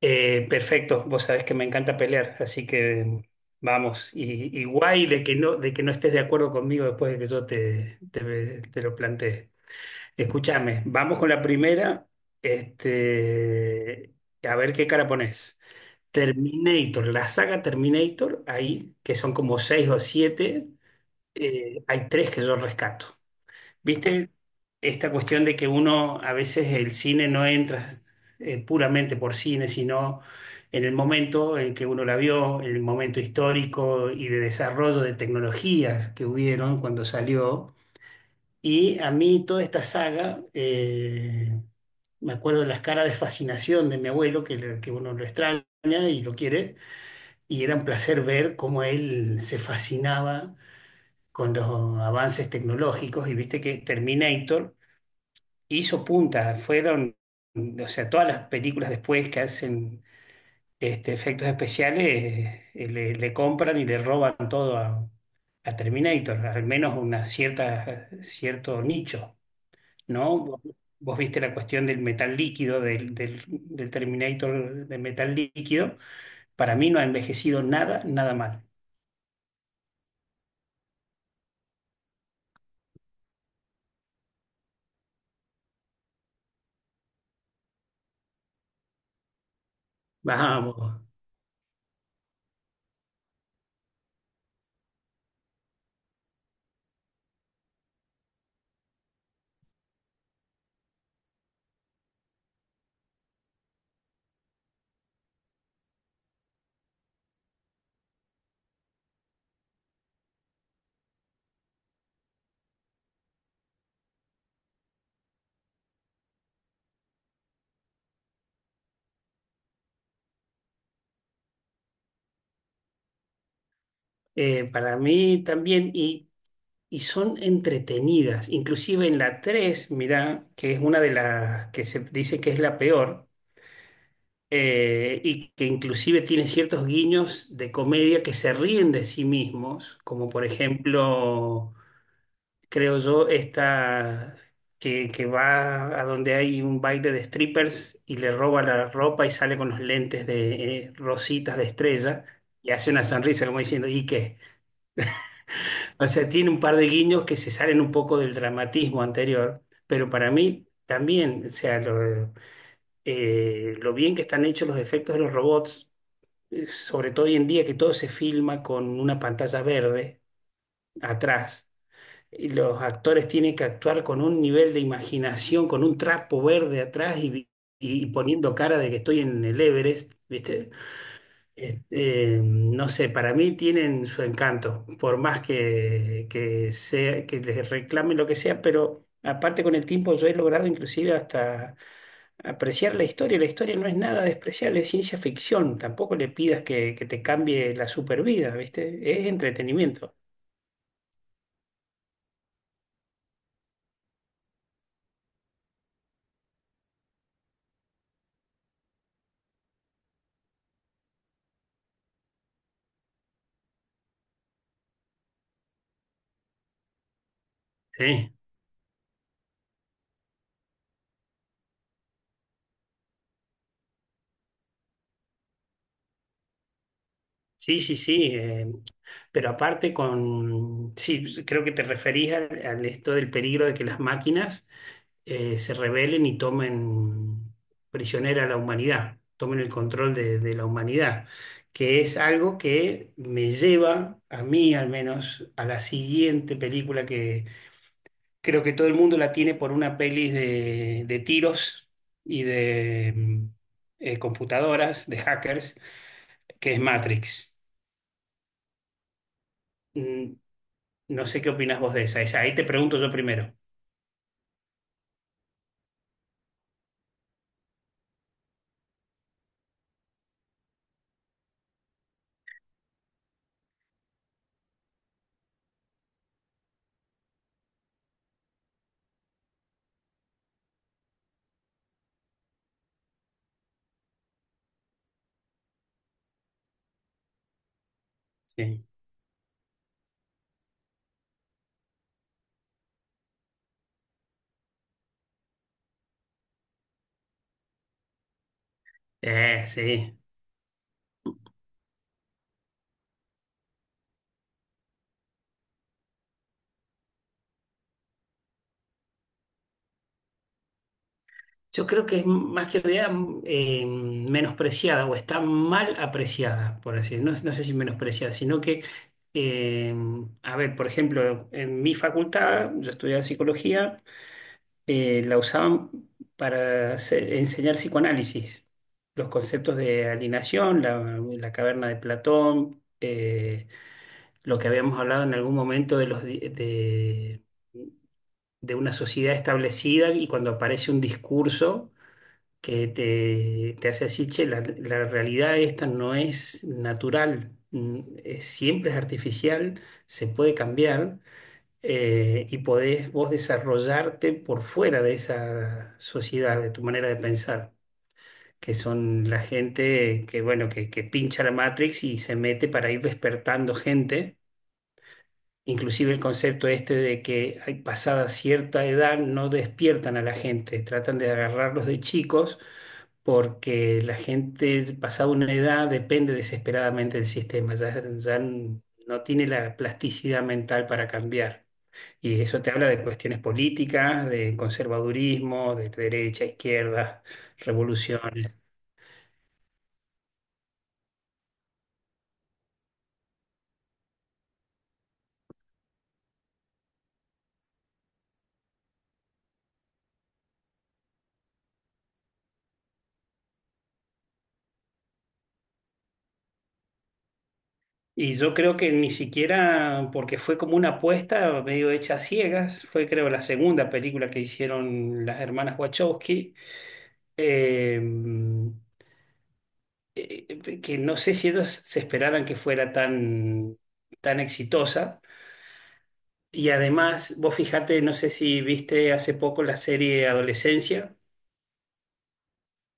Perfecto, vos sabés que me encanta pelear, así que vamos, y guay de que no estés de acuerdo conmigo después de que yo te lo planteé. Escúchame, vamos con la primera, este, a ver qué cara pones. Terminator, la saga Terminator, ahí, que son como seis o siete, hay tres que yo rescato. ¿Viste esta cuestión de que uno a veces el cine no entra puramente por cine, sino en el momento en que uno la vio, en el momento histórico y de desarrollo de tecnologías que hubieron cuando salió? Y a mí toda esta saga, me acuerdo de las caras de fascinación de mi abuelo, que, que uno lo extraña y lo quiere, y era un placer ver cómo él se fascinaba con los avances tecnológicos, y viste que Terminator hizo punta, fueron, o sea, todas las películas después que hacen efectos especiales, le compran y le roban todo a, Terminator, al menos una cierta, cierto nicho, ¿no? Vos viste la cuestión del metal líquido, del Terminator de metal líquido, para mí no ha envejecido nada, nada mal. Vamos. Para mí también. Y son entretenidas. Inclusive en la tres, mirá, que es una de las que se dice que es la peor, y que inclusive tiene ciertos guiños de comedia que se ríen de sí mismos, como por ejemplo, creo yo, esta que va a donde hay un baile de strippers y le roba la ropa y sale con los lentes de, rositas de estrella, y hace una sonrisa como diciendo, ¿y qué? O sea, tiene un par de guiños que se salen un poco del dramatismo anterior, pero para mí también, o sea, lo bien que están hechos los efectos de los robots, sobre todo hoy en día que todo se filma con una pantalla verde atrás, y los actores tienen que actuar con un nivel de imaginación, con un trapo verde atrás, y poniendo cara de que estoy en el Everest, ¿viste? Este, no sé, para mí tienen su encanto, por más que, sea, que les reclamen lo que sea, pero aparte con el tiempo yo he logrado inclusive hasta apreciar la historia. La historia no es nada despreciable, es ciencia ficción. Tampoco le pidas que, te cambie la supervida, ¿viste? Es entretenimiento. Sí. Sí, sí, sí. Pero aparte con, sí, creo que te referís al, esto del peligro de que las máquinas, se rebelen y tomen prisionera a la humanidad, tomen el control de la humanidad, que es algo que me lleva, a mí al menos, a la siguiente película, que creo que todo el mundo la tiene por una peli de tiros y de computadoras, de hackers, que es Matrix. Mm, No sé qué opinas vos de esa. Esa, ahí te pregunto yo primero. Sí. Sí. Yo creo que es más que idea menospreciada o está mal apreciada, por así decirlo. No, no sé si menospreciada, sino que, eh, a ver, por ejemplo, en mi facultad, yo estudiaba psicología, la usaban para enseñar psicoanálisis, los conceptos de alineación, la caverna de Platón, lo que habíamos hablado en algún momento de los, di- de una sociedad establecida y cuando aparece un discurso que te hace decir, che, la realidad esta no es natural, siempre es artificial, se puede cambiar, y podés vos desarrollarte por fuera de esa sociedad, de tu manera de pensar, que son la gente que, bueno, que pincha la Matrix y se mete para ir despertando gente. Inclusive el concepto este de que, hay pasada cierta edad, no despiertan a la gente, tratan de agarrarlos de chicos, porque la gente pasada una edad depende desesperadamente del sistema, ya no tiene la plasticidad mental para cambiar. Y eso te habla de cuestiones políticas, de conservadurismo, de derecha, izquierda, revoluciones. Y yo creo que ni siquiera, porque fue como una apuesta medio hecha a ciegas, fue creo la segunda película que hicieron las hermanas Wachowski. Eh, que no sé si ellos se esperaban que fuera tan, tan exitosa. Y además, vos fíjate, no sé si viste hace poco la serie Adolescencia.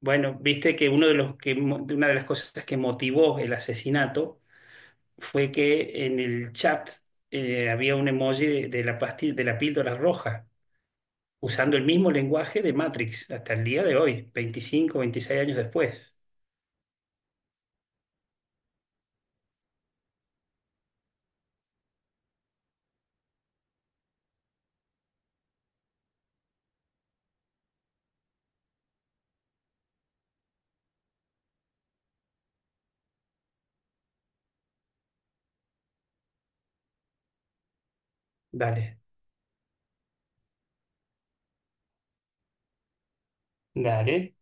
Bueno, viste que uno de los que mo- de una de las cosas que motivó el asesinato fue que en el chat, había un emoji de la pastilla, de la píldora roja, usando el mismo lenguaje de Matrix hasta el día de hoy, 25 26 años después. Dale, dale.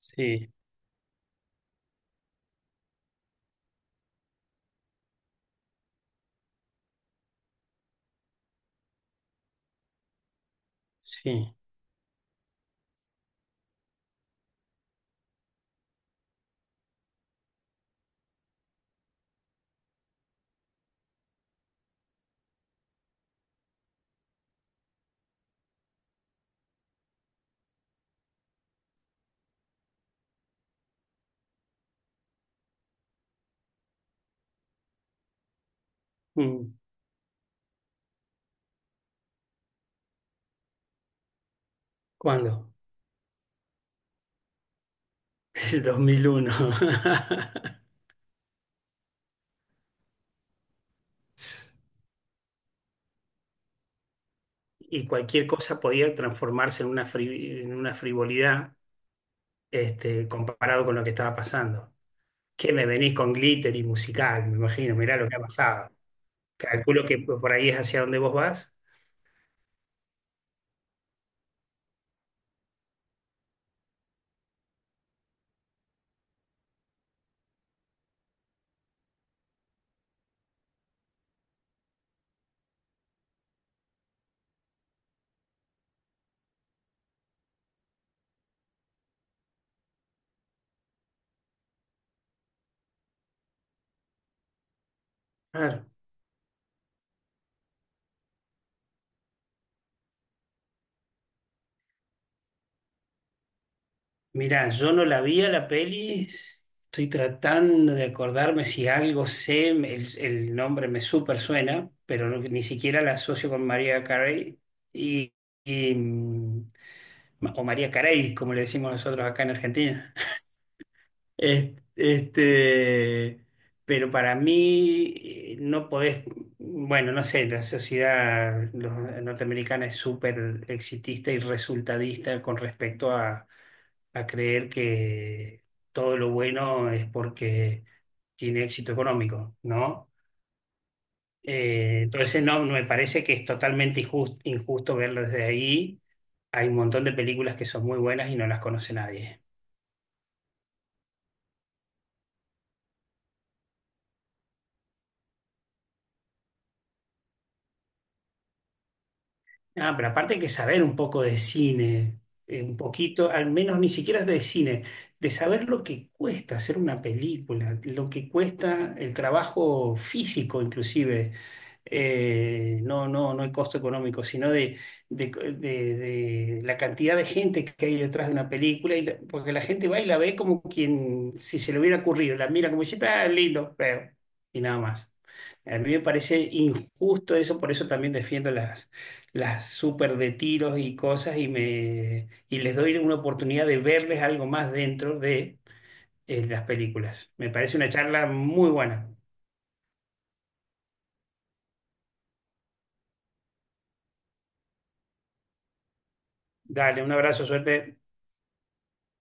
Sí, sí. Mm. ¿Cuándo? El 2001. Y cualquier cosa podía transformarse en una, frivolidad, comparado con lo que estaba pasando. Que me venís con glitter y musical, me imagino, mirá lo que ha pasado. Calculo que por ahí es hacia donde vos vas. Claro. Mirá, yo no la vi a la peli, estoy tratando de acordarme si algo sé, el nombre me súper suena, pero ni siquiera la asocio con María Carey. Y, y, mm, o María Carey, como le decimos nosotros acá en Argentina. Es- Este, pero para mí, no podés, bueno, no sé, la sociedad norteamericana es súper exitista y resultadista con respecto a, creer que todo lo bueno es porque tiene éxito económico, ¿no? Entonces no, me parece que es totalmente injusto verlo desde ahí. Hay un montón de películas que son muy buenas y no las conoce nadie. Ah, pero aparte hay que saber un poco de cine, un poquito, al menos ni siquiera de cine, de saber lo que cuesta hacer una película, lo que cuesta el trabajo físico inclusive, no, no, no el costo económico, sino de, de la cantidad de gente que hay detrás de una película, y porque la gente va y la ve como quien, si se le hubiera ocurrido, la mira como diciendo, ah, lindo, veo, y nada más. A mí me parece injusto eso, por eso también defiendo las súper de tiros y cosas, y les doy una oportunidad de verles algo más dentro de, las películas. Me parece una charla muy buena. Dale, un abrazo, suerte.